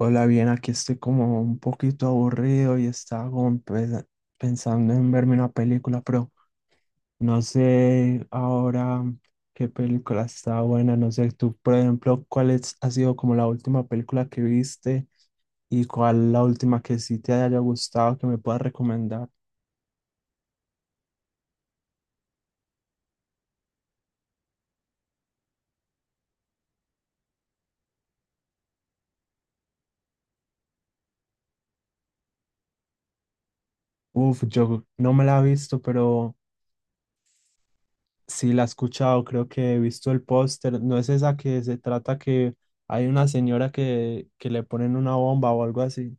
Hola, bien, aquí estoy como un poquito aburrido y estaba como pensando en verme una película, pero no sé ahora qué película está buena, no sé tú, por ejemplo, ha sido como la última película que viste y cuál la última que sí te haya gustado que me puedas recomendar. Uf, yo no me la he visto, pero sí la he escuchado, creo que he visto el póster, ¿no es esa que se trata que hay una señora que le ponen una bomba o algo así?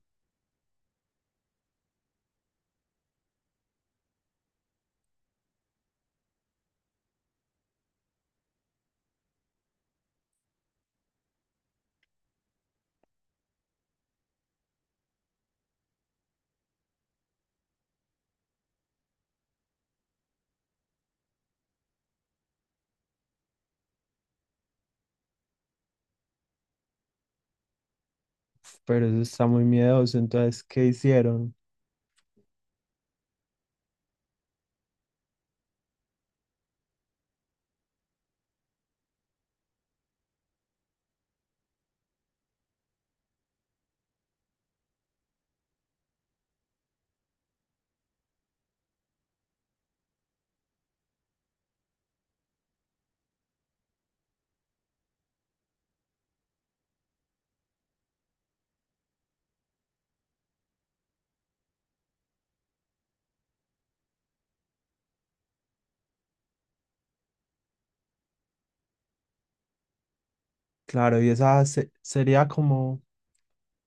Pero eso está muy miedoso. Entonces, ¿qué hicieron? Claro, y esa sería como,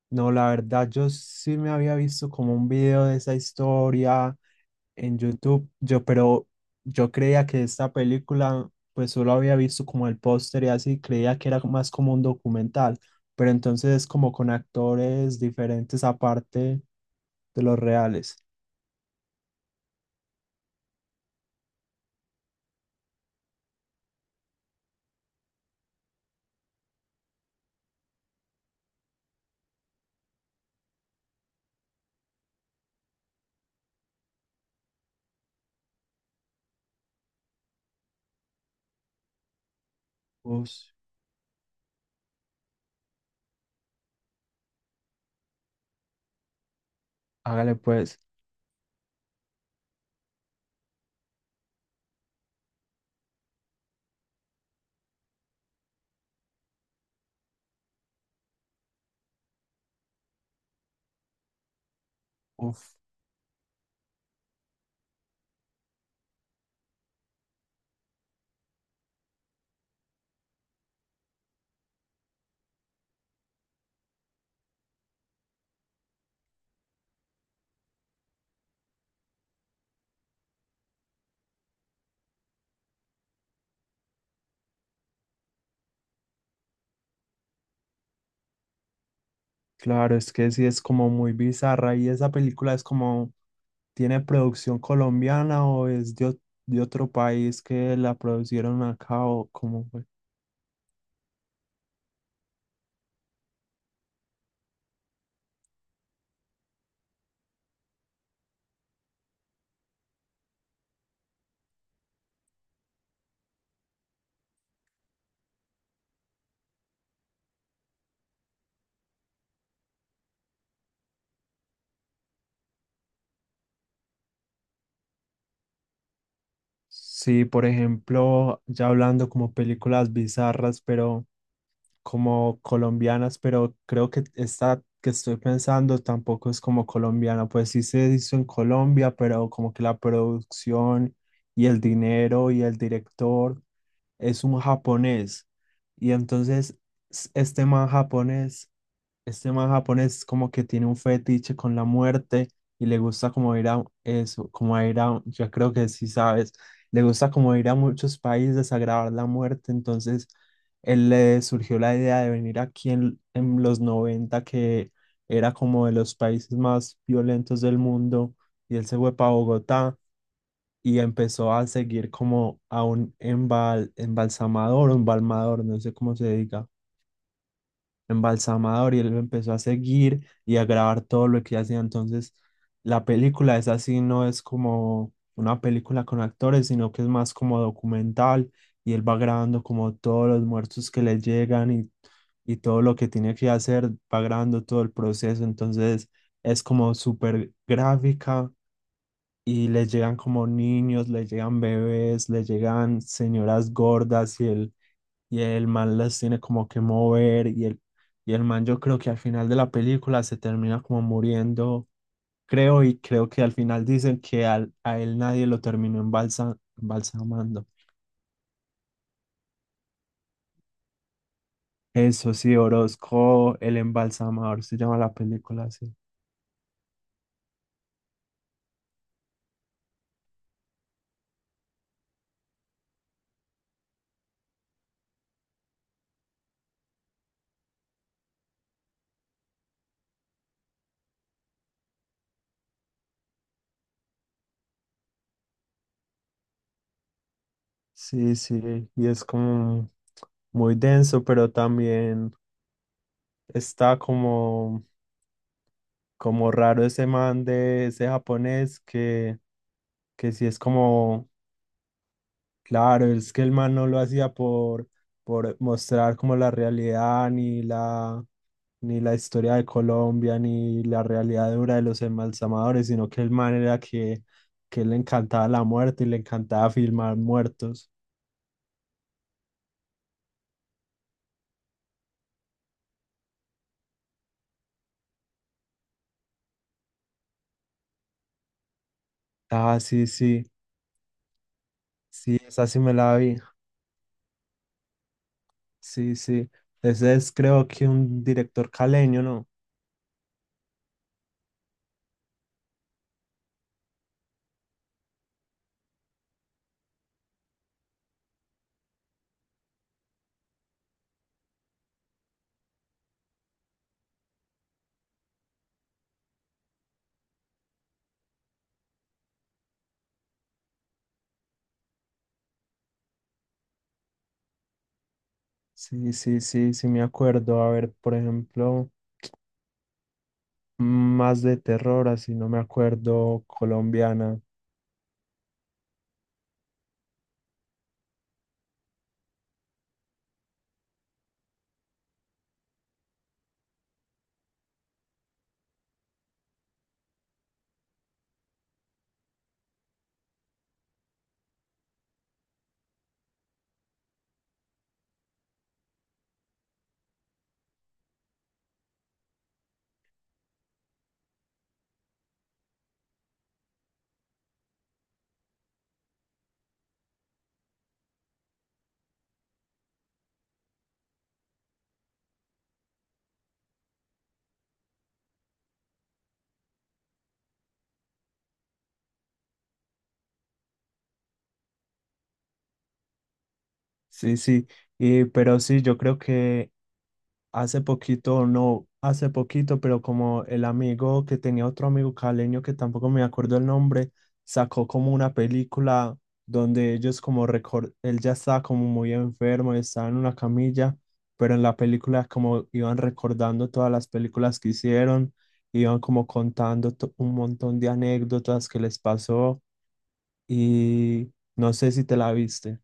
no, la verdad, yo sí me había visto como un video de esa historia en YouTube, yo, pero yo creía que esta película, pues solo había visto como el póster y así, creía que era más como un documental, pero entonces es como con actores diferentes aparte de los reales. Uf, hágale pues. Uf, claro, es que sí es como muy bizarra y esa película es como… ¿Tiene producción colombiana o es de, de otro país que la producieron acá o cómo fue? Sí, por ejemplo, ya hablando como películas bizarras, pero como colombianas, pero creo que esta que estoy pensando tampoco es como colombiana, pues sí se hizo en Colombia, pero como que la producción y el dinero y el director es un japonés. Y entonces este man japonés… Este man japonés como que tiene un fetiche con la muerte y le gusta como ir a eso, como a ir a, yo creo que sí sabes, le gusta como ir a muchos países a grabar la muerte, entonces él le surgió la idea de venir aquí en los noventa, que era como de los países más violentos del mundo, y él se fue para Bogotá y empezó a seguir como a un embalsamador, un balmador, no sé cómo se diga, embalsamador, y él lo empezó a seguir y a grabar todo lo que hacía. Entonces, la película es así, no es como una película con actores, sino que es más como documental, y él va grabando como todos los muertos que le llegan y todo lo que tiene que hacer, va grabando todo el proceso. Entonces, es como súper gráfica. Y les llegan como niños, les llegan bebés, les llegan señoras gordas y él… Y el man las tiene como que mover, y el man yo creo que al final de la película se termina como muriendo, creo, y creo que al final dicen que a él nadie lo terminó embalsamando. Eso sí, Orozco, el embalsamador, se llama la película así. Sí, sí, y es como muy denso, pero también está como, como raro ese man, de ese japonés que sí es como… Claro, es que el man no lo hacía por mostrar como la realidad, ni la, ni la historia de Colombia, ni la realidad dura de los embalsamadores, sino que el man era que le encantaba la muerte y le encantaba filmar muertos. Ah, sí, sí, sí, esa sí me la vi. Sí, sí. Ese es, creo, que un director caleño, ¿no? Sí, sí, sí, sí me acuerdo. A ver, por ejemplo, más de terror, así no me acuerdo, colombiana. Sí, sí, y, pero sí, yo creo que hace poquito, o no hace poquito, pero como el amigo que tenía otro amigo caleño que tampoco me acuerdo el nombre, sacó como una película donde ellos como él ya estaba como muy enfermo, estaba en una camilla, pero en la película como iban recordando todas las películas que hicieron, iban como contando un montón de anécdotas que les pasó, y no sé si te la viste.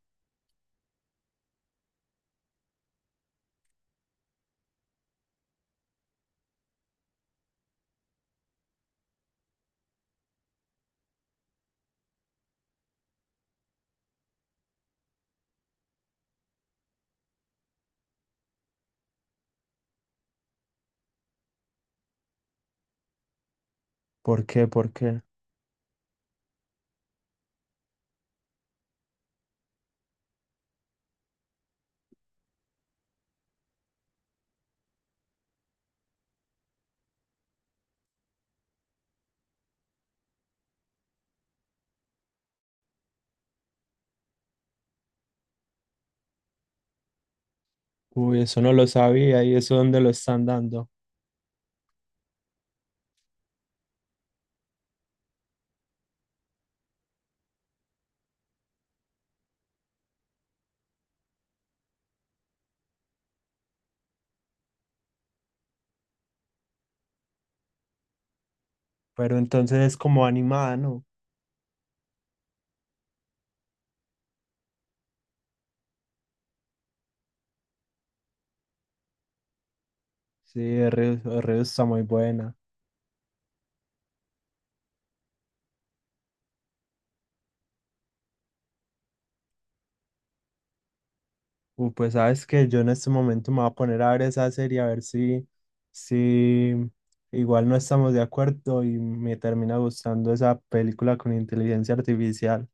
¿Por qué? ¿Por qué? Uy, eso no lo sabía, y eso ¿dónde lo están dando? Pero entonces es como animada, ¿no? Sí, el río está muy buena. Uy, pues sabes que yo en este momento me voy a poner a ver esa serie, a ver si, si igual no estamos de acuerdo y me termina gustando esa película con inteligencia artificial.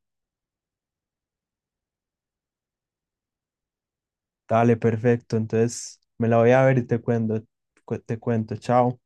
Dale, perfecto. Entonces me la voy a ver y te cuento, te cuento. Chao.